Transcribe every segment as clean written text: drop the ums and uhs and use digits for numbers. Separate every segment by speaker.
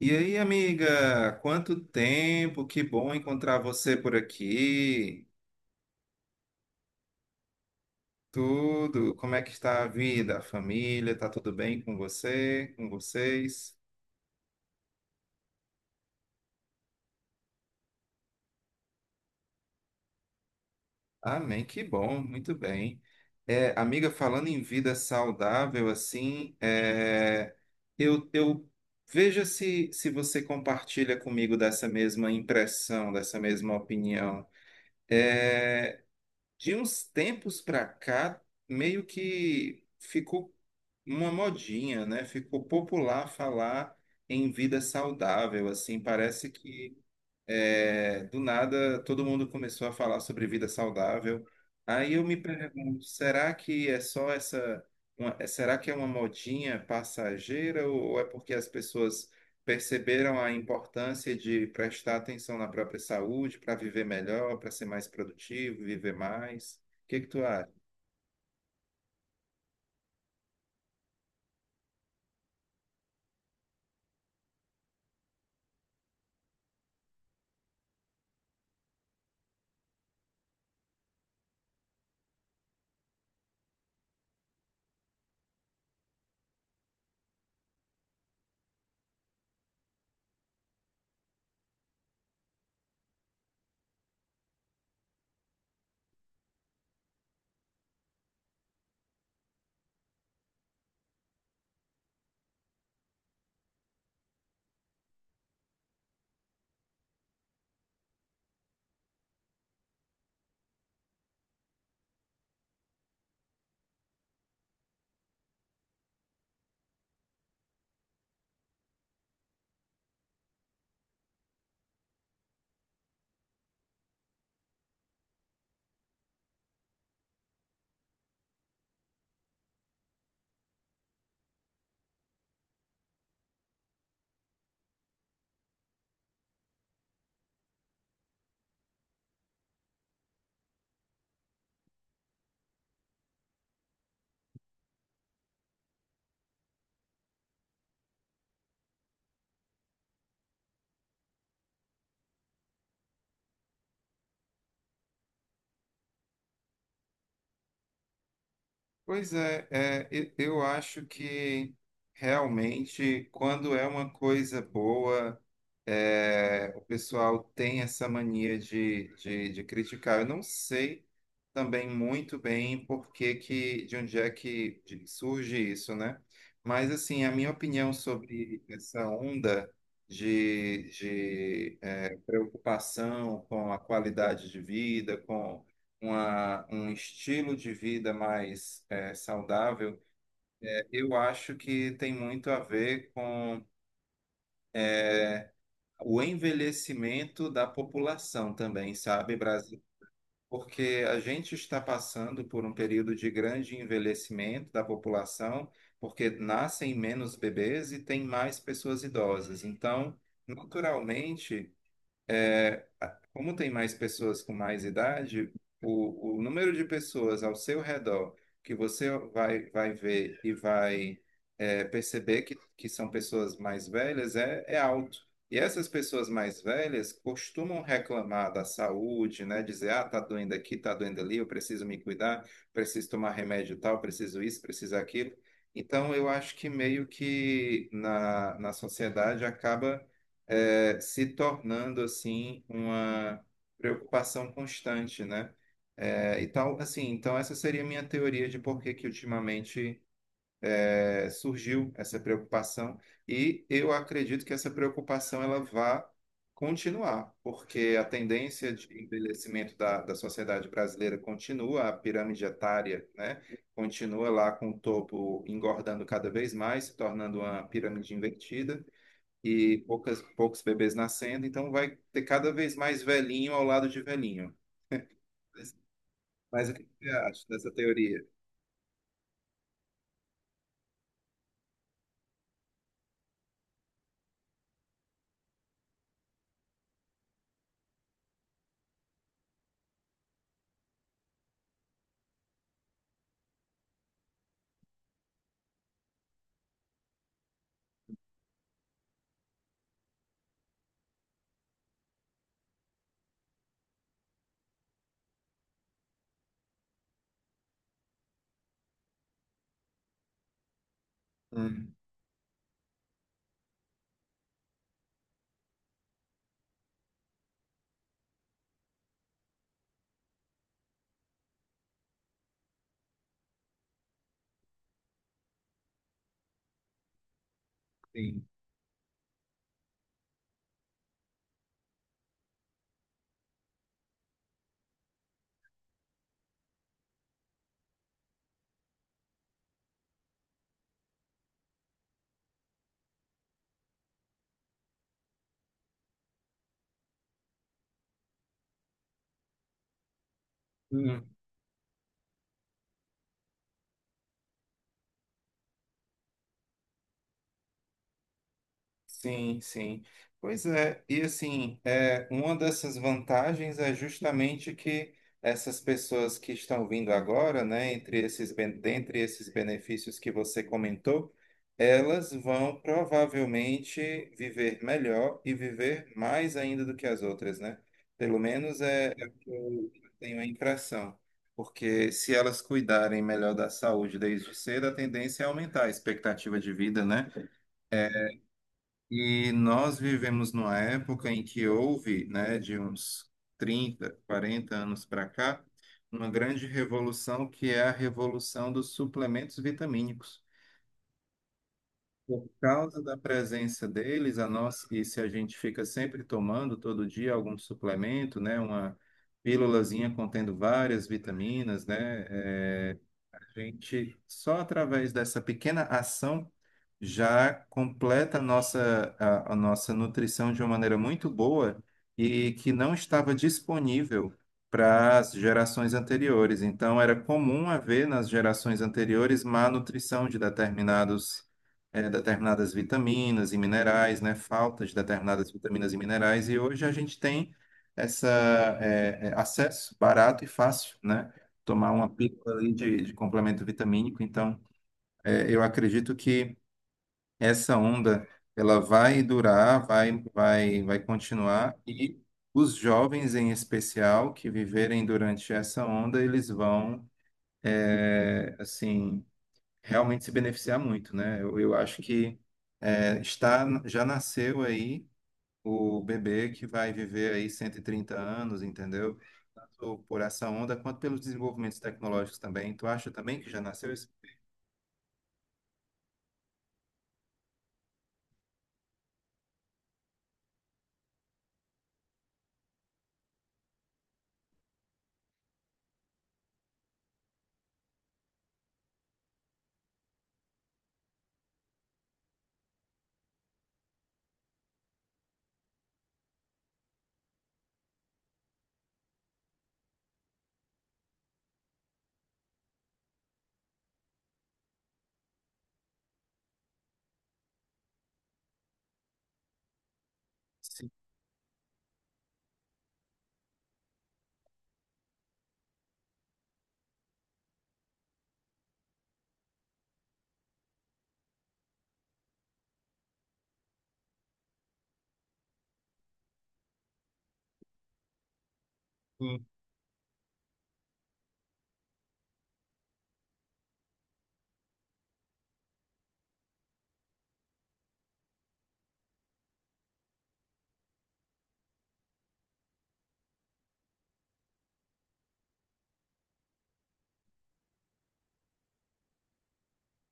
Speaker 1: E aí, amiga, quanto tempo, que bom encontrar você por aqui. Tudo, como é que está a vida, a família, tá tudo bem com você, com vocês? Amém, que bom, muito bem. É, amiga, falando em vida saudável, assim, é, eu veja se você compartilha comigo dessa mesma impressão, dessa mesma opinião. De uns tempos para cá, meio que ficou uma modinha, né? Ficou popular falar em vida saudável, assim, parece que é, do nada todo mundo começou a falar sobre vida saudável. Aí eu me pergunto, será que é só essa, será que é uma modinha passageira ou é porque as pessoas perceberam a importância de prestar atenção na própria saúde para viver melhor, para ser mais produtivo, viver mais? O que que tu acha? Pois é, eu acho que realmente quando é uma coisa boa, é, o pessoal tem essa mania de criticar. Eu não sei também muito bem por que que, de onde é que surge isso, né? Mas assim, a minha opinião sobre essa onda de preocupação com a qualidade de vida, com uma, um estilo de vida mais saudável, eu acho que tem muito a ver com o envelhecimento da população também, sabe, Brasil? Porque a gente está passando por um período de grande envelhecimento da população, porque nascem menos bebês e tem mais pessoas idosas. Então, naturalmente, como tem mais pessoas com mais idade, o número de pessoas ao seu redor que você vai ver e vai perceber que são pessoas mais velhas é alto. E essas pessoas mais velhas costumam reclamar da saúde, né? Dizer, ah, tá doendo aqui, tá doendo ali, eu preciso me cuidar, preciso tomar remédio tal, preciso isso, preciso aquilo. Então, eu acho que meio que na sociedade acaba se tornando assim uma preocupação constante, né? É, e tal, assim, então essa seria a minha teoria de por que que ultimamente surgiu essa preocupação e eu acredito que essa preocupação ela vá continuar, porque a tendência de envelhecimento da sociedade brasileira continua, a pirâmide etária, né, continua lá com o topo engordando cada vez mais, se tornando uma pirâmide invertida e poucas, poucos bebês nascendo, então vai ter cada vez mais velhinho ao lado de velhinho. Mas o que você acha dessa teoria? Hum, sim. Sim, sim. Pois é, e assim, é, uma dessas vantagens é justamente que essas pessoas que estão vindo agora, né, dentre esses benefícios que você comentou, elas vão provavelmente viver melhor e viver mais ainda do que as outras, né? Pelo menos é o que eu tenho a impressão. Porque se elas cuidarem melhor da saúde desde cedo, a tendência é aumentar a expectativa de vida, né? E nós vivemos numa época em que houve, né, de uns 30, 40 anos para cá, uma grande revolução que é a revolução dos suplementos vitamínicos. Por causa da presença deles, e se a gente fica sempre tomando todo dia algum suplemento, né, uma pílulazinha contendo várias vitaminas, né, a gente, só através dessa pequena ação, já completa a nossa, a nossa nutrição de uma maneira muito boa e que não estava disponível para as gerações anteriores. Então, era comum haver nas gerações anteriores má nutrição de determinados, determinadas vitaminas e minerais, né? Falta de determinadas vitaminas e minerais. E hoje a gente tem essa, acesso barato e fácil, né? Tomar uma pílula ali de complemento vitamínico. Então, eu acredito que essa onda ela vai durar, vai continuar e os jovens em especial que viverem durante essa onda, eles vão assim realmente se beneficiar muito, né? Eu acho que é, está já nasceu aí o bebê que vai viver aí 130 anos, entendeu? Tanto por essa onda quanto pelos desenvolvimentos tecnológicos também. Tu acha também que já nasceu esse? Sim.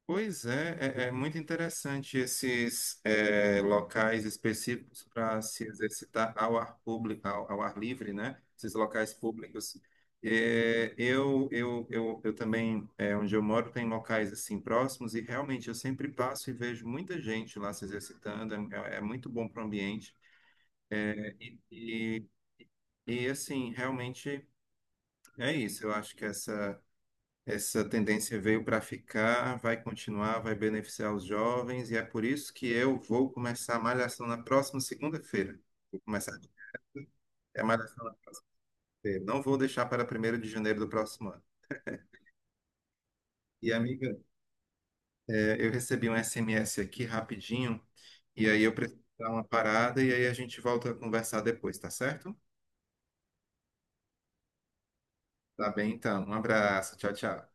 Speaker 1: Pois é. É muito interessante esses locais específicos para se exercitar ao ar público, ao ar livre, né? Esses locais públicos. É, eu também, é, onde eu moro, tem locais assim próximos e realmente eu sempre passo e vejo muita gente lá se exercitando. É, é muito bom para o ambiente. É, e, e- E assim, realmente é isso. Eu acho que essa tendência veio para ficar, vai continuar, vai beneficiar os jovens, e é por isso que eu vou começar a malhação na próxima segunda-feira. Vou começar. É a malhação na segunda feira. Não vou deixar para 1º de janeiro do próximo ano. E, amiga, é, eu recebi um SMS aqui rapidinho, e aí eu preciso dar uma parada, e aí a gente volta a conversar depois, tá certo? Tá bem, então. Um abraço. Tchau, tchau.